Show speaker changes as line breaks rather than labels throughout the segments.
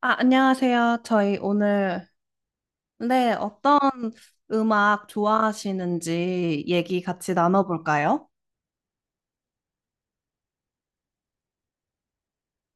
아, 안녕하세요. 저희 오늘, 네, 어떤 음악 좋아하시는지 얘기 같이 나눠볼까요?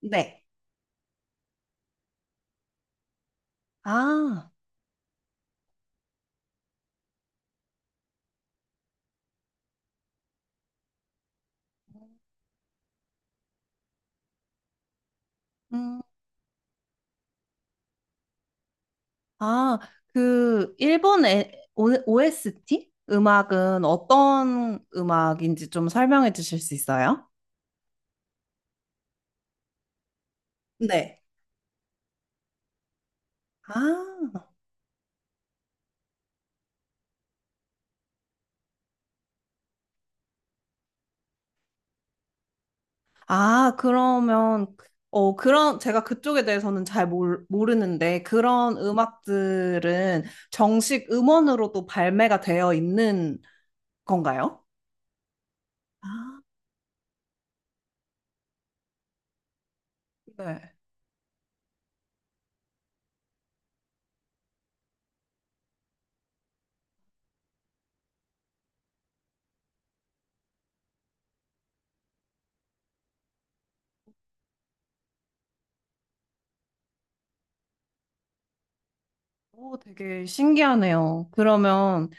네. 아, 음, 아, 그, 일본 에, OST? 음악은 어떤 음악인지 좀 설명해 주실 수 있어요? 네. 아, 아, 그러면, 어, 그런, 제가 그쪽에 대해서는 잘 모르는데, 그런 음악들은 정식 음원으로도 발매가 되어 있는 건가요? 아, 네. 오, 되게 신기하네요. 그러면,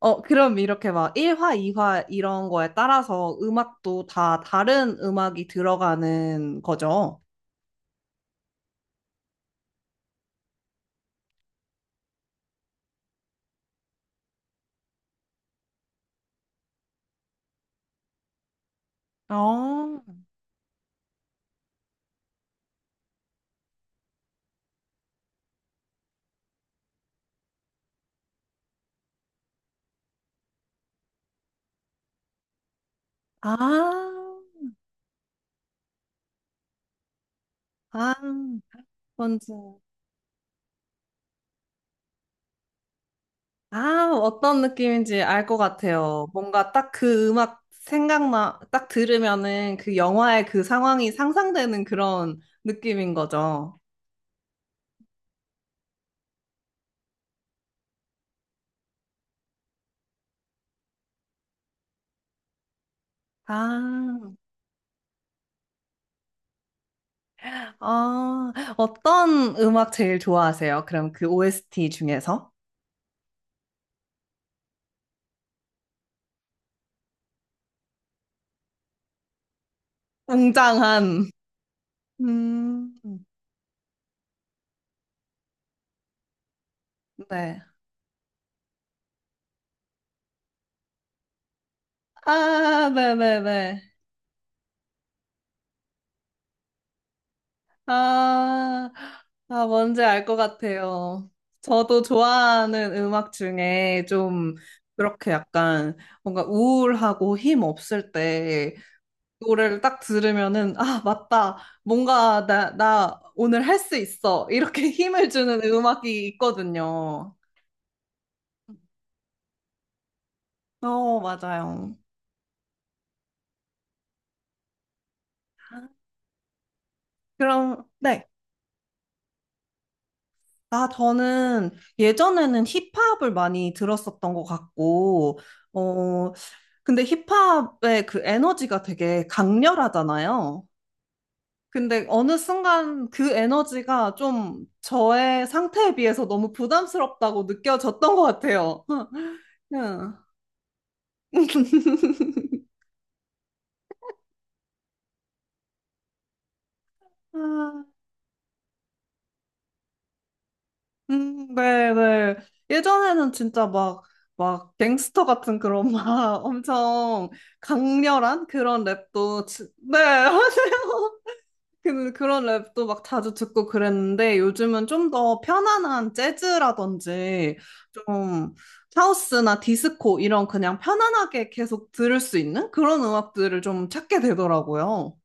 어, 그럼 이렇게 막 1화, 2화 이런 거에 따라서 음악도 다 다른 음악이 들어가는 거죠? 어, 아, 아, 뭔지. 아, 어떤 느낌인지 알 것 같아요. 뭔가 딱 그 음악 생각나, 딱 들으면은 그 영화의 그 상황이 상상되는 그런 느낌인 거죠. 아, 아, 어떤 음악 제일 좋아하세요? 그럼 그 OST 중에서? 웅장한. 음, 네. 아, 네네네. 아, 아, 뭔지 알 것 같아요. 저도 좋아하는 음악 중에 좀 그렇게 약간 뭔가 우울하고 힘 없을 때 노래를 딱 들으면은, 아, 맞다. 뭔가 나 오늘 할 수 있어. 이렇게 힘을 주는 음악이 있거든요. 어, 맞아요. 그럼, 네. 아, 저는 예전에는 힙합을 많이 들었었던 것 같고, 어, 근데 힙합의 그 에너지가 되게 강렬하잖아요. 근데 어느 순간 그 에너지가 좀 저의 상태에 비해서 너무 부담스럽다고 느껴졌던 것 같아요. 응 네, 네. 예전에는 진짜 막, 막, 갱스터 같은 그런 막 엄청 강렬한 그런 랩도, 네, 하세요. 그, 그런 랩도 막 자주 듣고 그랬는데 요즘은 좀 더 편안한 재즈라든지 좀 하우스나 디스코 이런 그냥 편안하게 계속 들을 수 있는 그런 음악들을 좀 찾게 되더라고요.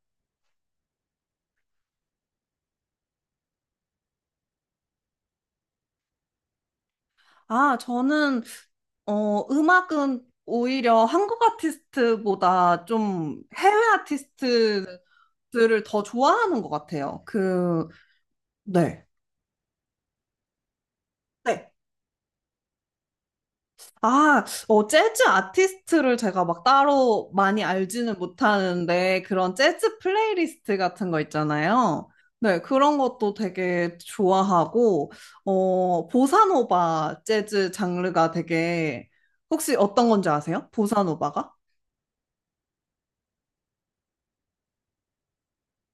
아, 저는 어, 음악은 오히려 한국 아티스트보다 좀 해외 아티스트들을 더 좋아하는 것 같아요. 그, 네. 네. 아, 어, 재즈 아티스트를 제가 막 따로 많이 알지는 못하는데, 그런 재즈 플레이리스트 같은 거 있잖아요. 네, 그런 것도 되게 좋아하고, 어, 보사노바 재즈 장르가 되게, 혹시 어떤 건지 아세요? 보사노바가?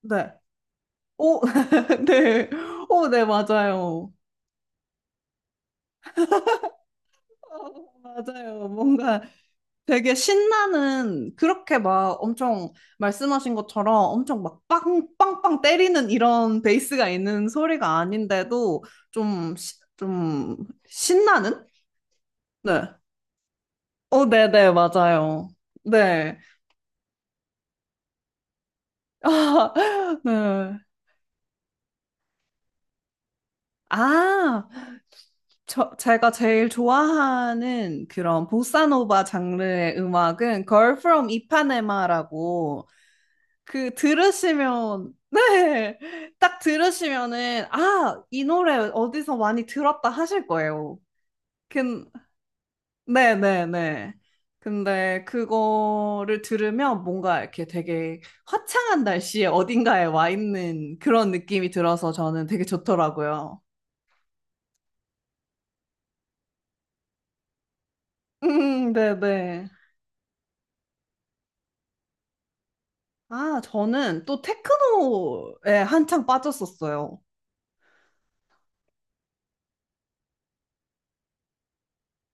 네. 오, 네. 오, 네, 맞아요. 어, 맞아요. 뭔가 되게 신나는, 그렇게 막 엄청 말씀하신 것처럼 엄청 막 빵, 빵빵 때리는 이런 베이스가 있는 소리가 아닌데도 좀, 좀 신나는? 네. 오, 네네, 맞아요. 네. 아, 네. 아, 제가 제일 좋아하는 그런 보사노바 장르의 음악은 Girl from Ipanema라고 그 들으시면 네, 딱 들으시면은 아, 이 노래 어디서 많이 들었다 하실 거예요. 근, 네, 네, 네. 근데 그거를 들으면 뭔가 이렇게 되게 화창한 날씨에 어딘가에 와 있는 그런 느낌이 들어서 저는 되게 좋더라고요. 네, 네. 아, 저는 또 테크노에 한창 빠졌었어요.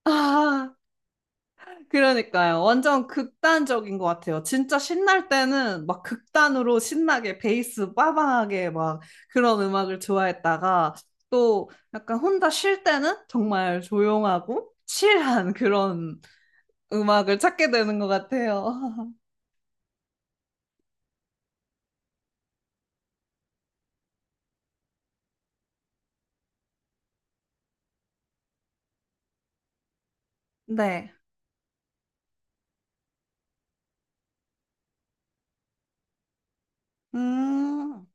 아, 그러니까요. 완전 극단적인 것 같아요. 진짜 신날 때는 막 극단으로 신나게 베이스 빠방하게 막 그런 음악을 좋아했다가 또 약간 혼자 쉴 때는 정말 조용하고 칠한 그런 음악을 찾게 되는 것 같아요. 네. 음.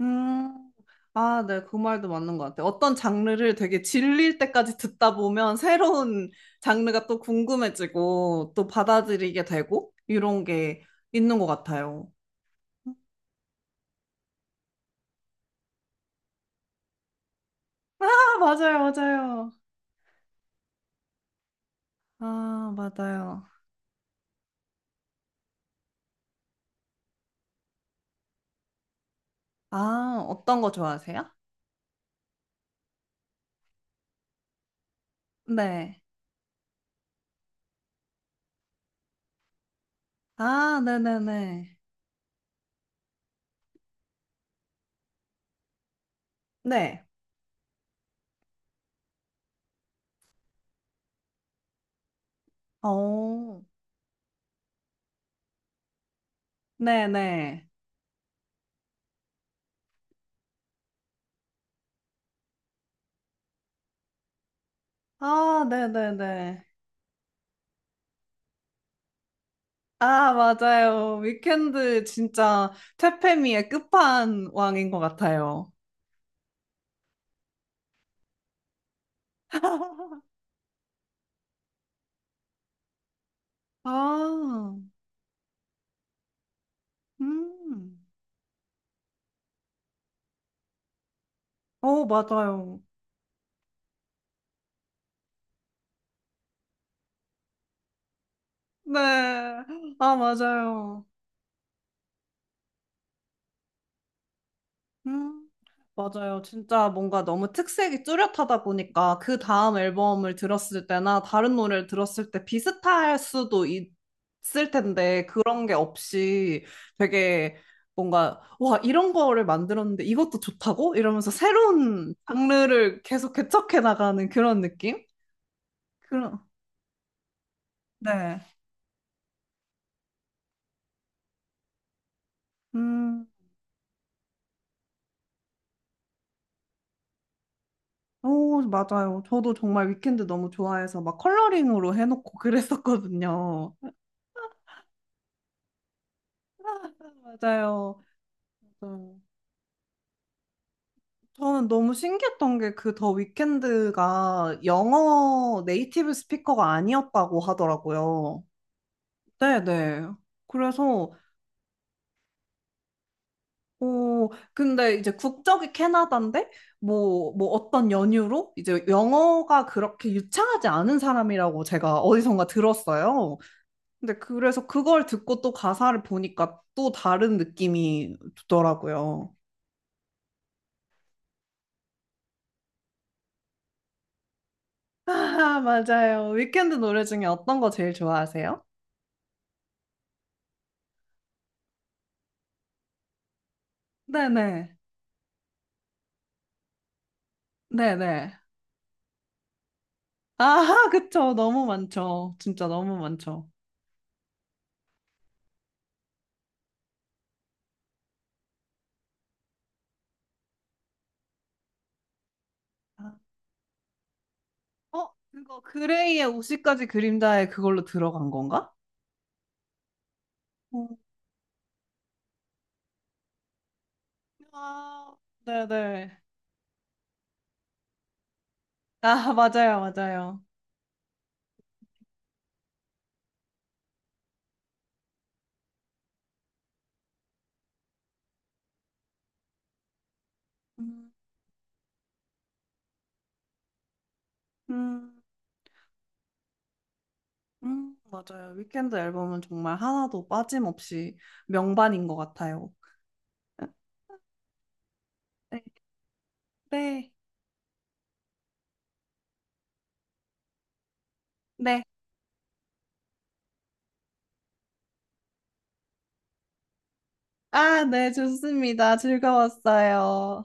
음, 아, 네, 그 말도 맞는 것 같아요. 어떤 장르를 되게 질릴 때까지 듣다 보면 새로운 장르가 또 궁금해지고 또 받아들이게 되고 이런 게 있는 것 같아요. 음. 아, 맞아요, 맞아요. 아, 맞아요. 아, 어떤 거 좋아하세요? 네. 아, 네네네. 네. 어, 네네. 아, 네네네. 아, 맞아요. 위켄드 진짜 퇴폐미의 끝판왕인 것 같아요. 아, 음. 어, 맞아요. 네. 아, 맞아요. 음, 맞아요. 진짜 뭔가 너무 특색이 뚜렷하다 보니까 그 다음 앨범을 들었을 때나 다른 노래를 들었을 때 비슷할 수도 있- 을 텐데 그런 게 없이 되게 뭔가 와, 이런 거를 만들었는데 이것도 좋다고? 이러면서 새로운 장르를 계속 개척해 나가는 그런 느낌? 그런, 네. 음, 오, 맞아요. 저도 정말 위켄드 너무 좋아해서 막 컬러링으로 해놓고 그랬었거든요. 맞아요. 맞아요. 저는 너무 신기했던 게 그 더 위켄드가 영어 네이티브 스피커가 아니었다고 하더라고요. 네네. 그래서, 어, 근데 이제 국적이 캐나다인데, 뭐, 뭐 어떤 연유로 이제 영어가 그렇게 유창하지 않은 사람이라고 제가 어디선가 들었어요. 근데 그래서 그걸 듣고 또 가사를 보니까 또 다른 느낌이 들더라고요. 아, 맞아요. 위켄드 노래 중에 어떤 거 제일 좋아하세요? 네네. 네네. 아하, 그쵸. 너무 많죠. 진짜 너무 많죠. 아, 어, 그거 그레이의 50가지 그림자에 그걸로 들어간 건가? 어. 아, 네네. 아, 맞아요, 맞아요. 음, 음, 맞아요. 위켄드 앨범은 정말 하나도 빠짐없이 명반인 것 같아요. 네, 네. 네. 아, 네, 좋습니다. 즐거웠어요.